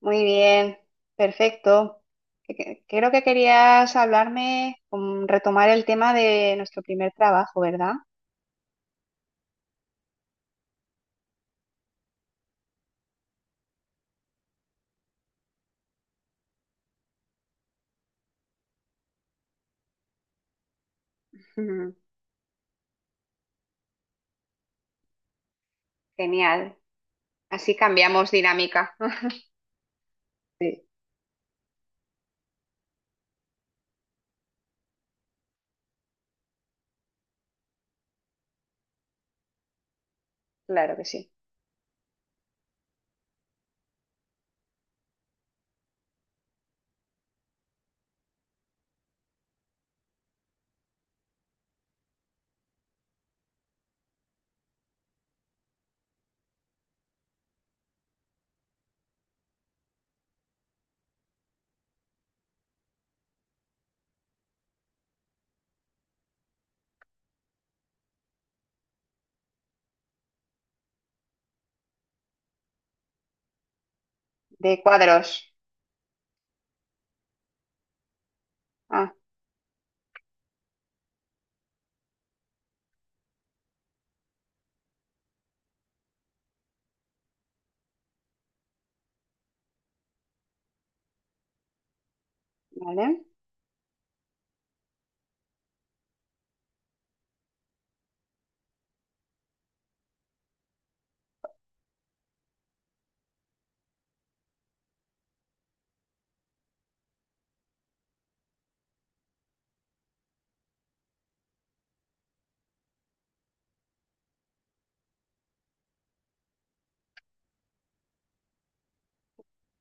Muy bien, perfecto. Creo que querías hablarme, retomar el tema de nuestro primer trabajo, ¿verdad? Ujú. Genial. Así cambiamos dinámica. Sí, claro que sí. De cuadros. Ah, vale.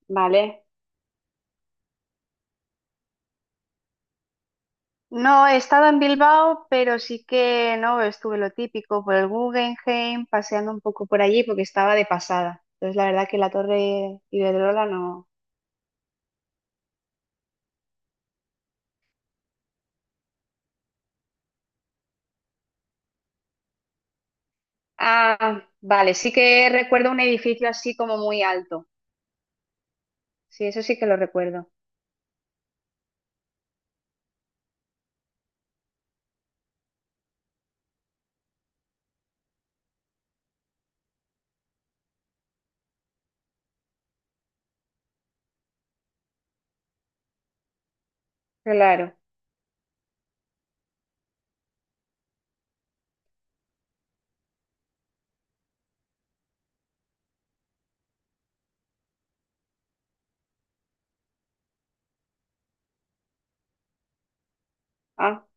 Vale. No he estado en Bilbao, pero sí que no estuve lo típico por el Guggenheim, paseando un poco por allí porque estaba de pasada. Entonces, la verdad que la Torre Iberdrola no. Ah, vale, sí que recuerdo un edificio así como muy alto. Sí, eso sí que lo recuerdo. Claro. Ah,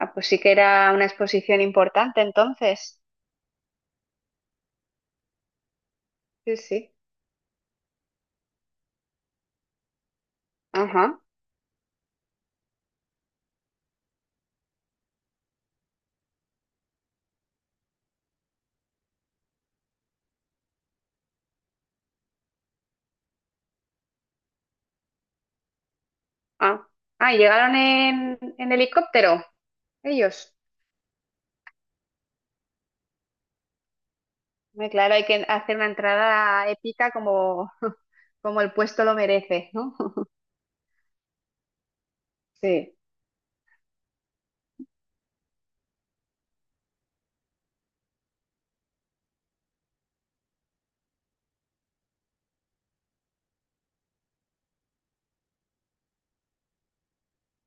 ah, pues sí que era una exposición importante entonces. Sí, sí. Ajá. Ah, ah, llegaron en helicóptero ellos. Hombre, claro, hay que hacer una entrada épica como, como el puesto lo merece, ¿no? Sí,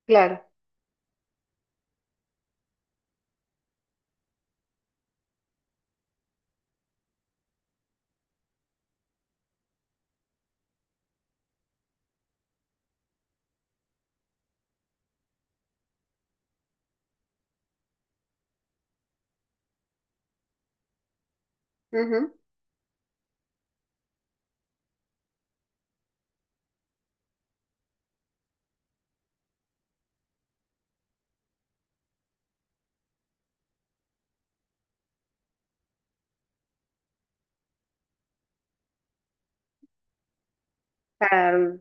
claro. Ujú. Claro.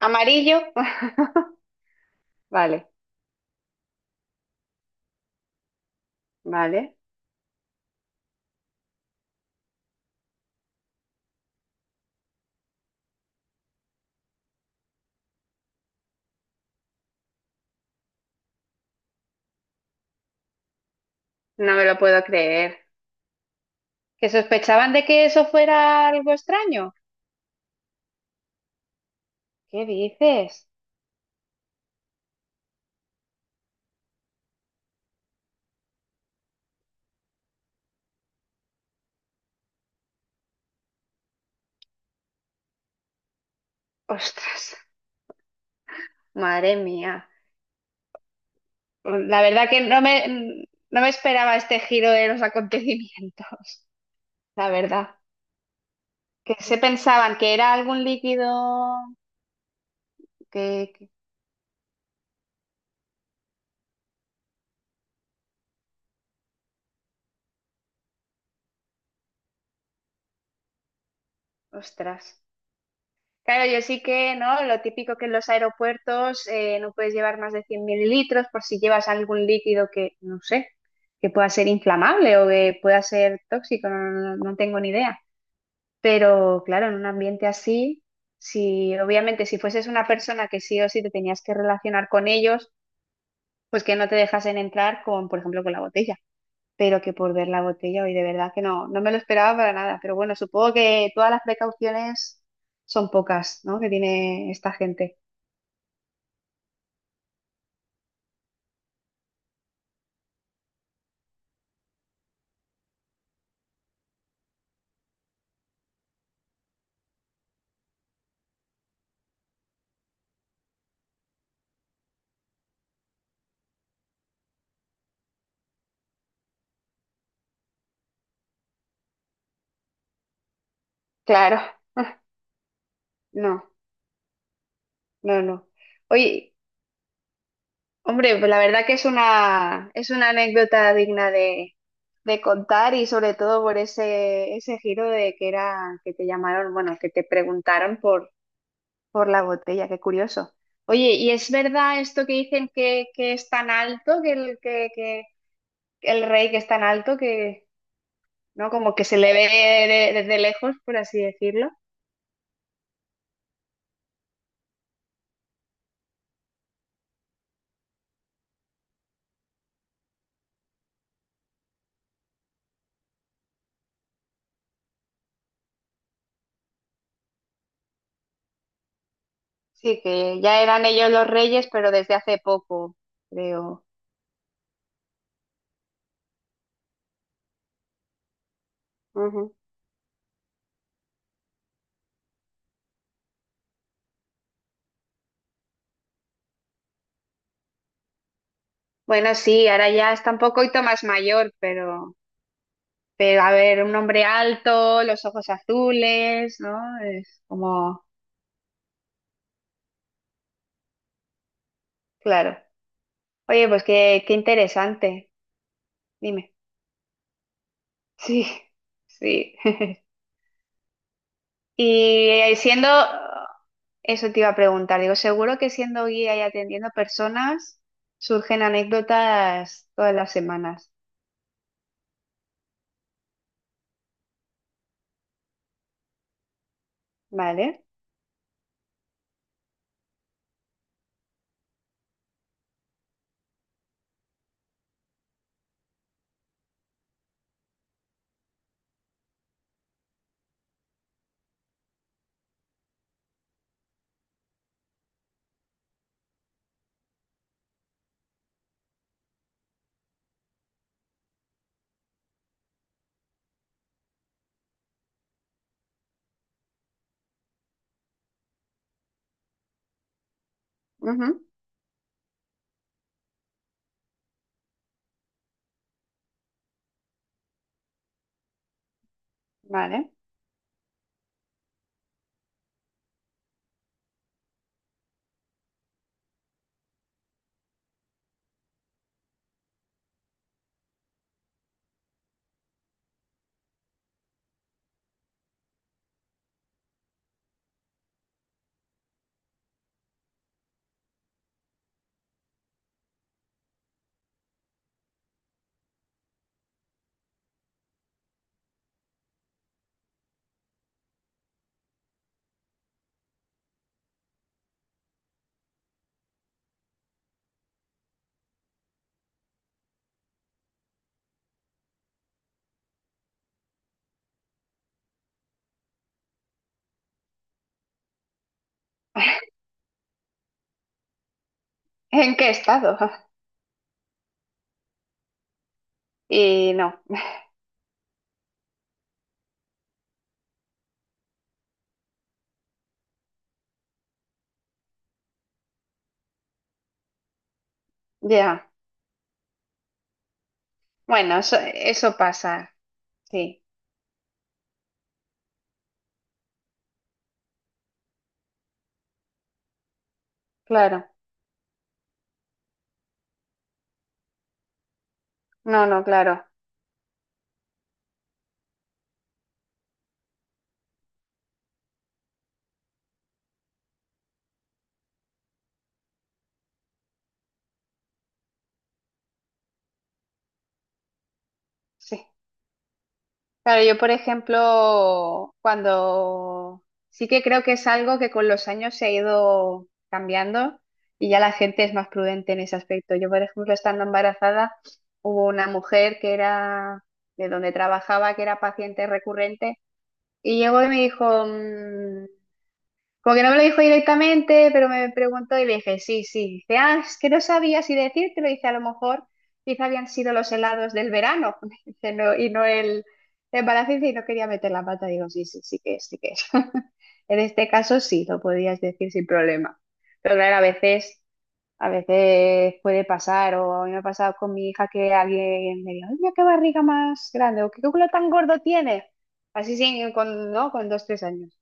Amarillo. Vale, vale. No me lo puedo creer. ¿Que sospechaban de que eso fuera algo extraño? ¿Qué dices? Ostras, madre mía. La verdad que no me esperaba este giro de los acontecimientos. La verdad. Que se pensaban que era algún líquido que, que- Ostras. Claro, yo sí que, ¿no? Lo típico que en los aeropuertos no puedes llevar más de 100 mililitros por si llevas algún líquido que, no sé, que pueda ser inflamable o que pueda ser tóxico, no tengo ni idea. Pero claro, en un ambiente así, si obviamente si fueses una persona que sí o sí te tenías que relacionar con ellos, pues que no te dejasen entrar con, por ejemplo, con la botella. Pero que por ver la botella, hoy de verdad que no, no me lo esperaba para nada. Pero bueno, supongo que todas las precauciones son pocas, ¿no? Que tiene esta gente. Claro, no, no, no. Oye, hombre, pues la verdad que es una anécdota digna de contar y sobre todo por ese, ese giro de que era que te llamaron, bueno, que te preguntaron por la botella, qué curioso. Oye, ¿y es verdad esto que dicen que es tan alto, que que el rey que es tan alto, que no como que se le ve desde lejos, por así decirlo? Sí, que ya eran ellos los reyes, pero desde hace poco, creo. Bueno, sí, ahora ya está un poquito más mayor, pero a ver, un hombre alto, los ojos azules, ¿no? Es como, claro. Oye, pues qué, qué interesante. Dime. Sí, sí. Y siendo, eso te iba a preguntar, digo, seguro que siendo guía y atendiendo personas, surgen anécdotas todas las semanas, ¿vale? Ujú. Vale. ¿En qué estado? Y no, ya. Bueno, eso pasa, sí, claro. No, no, claro, sí. Claro, yo por ejemplo, cuando sí que creo que es algo que con los años se ha ido cambiando y ya la gente es más prudente en ese aspecto. Yo, por ejemplo, estando embarazada, hubo una mujer que era de donde trabajaba, que era paciente recurrente, y llegó y me dijo, "Mm, como que no me lo dijo directamente, pero me preguntó y le dije, sí, sí". Dice, "Ah, es que no sabía si decírtelo". Dice, "A lo mejor, quizá habían sido los helados del verano". Dice, "No, y no el embarazo". Dice, "Y no quería meter la pata". Digo, "Sí, sí, sí que es, sí que es". En este caso sí, lo podías decir sin problema. Pero claro, a veces puede pasar, o a mí me ha pasado con mi hija que alguien me dijo, "Mira qué barriga más grande, o qué culo tan gordo tiene". Así sí, con, ¿no? Con dos, tres años.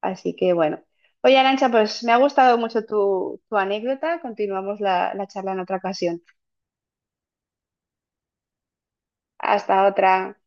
Así que bueno. Oye, Arancha, pues me ha gustado mucho tu, tu anécdota. Continuamos la charla en otra ocasión. Hasta otra.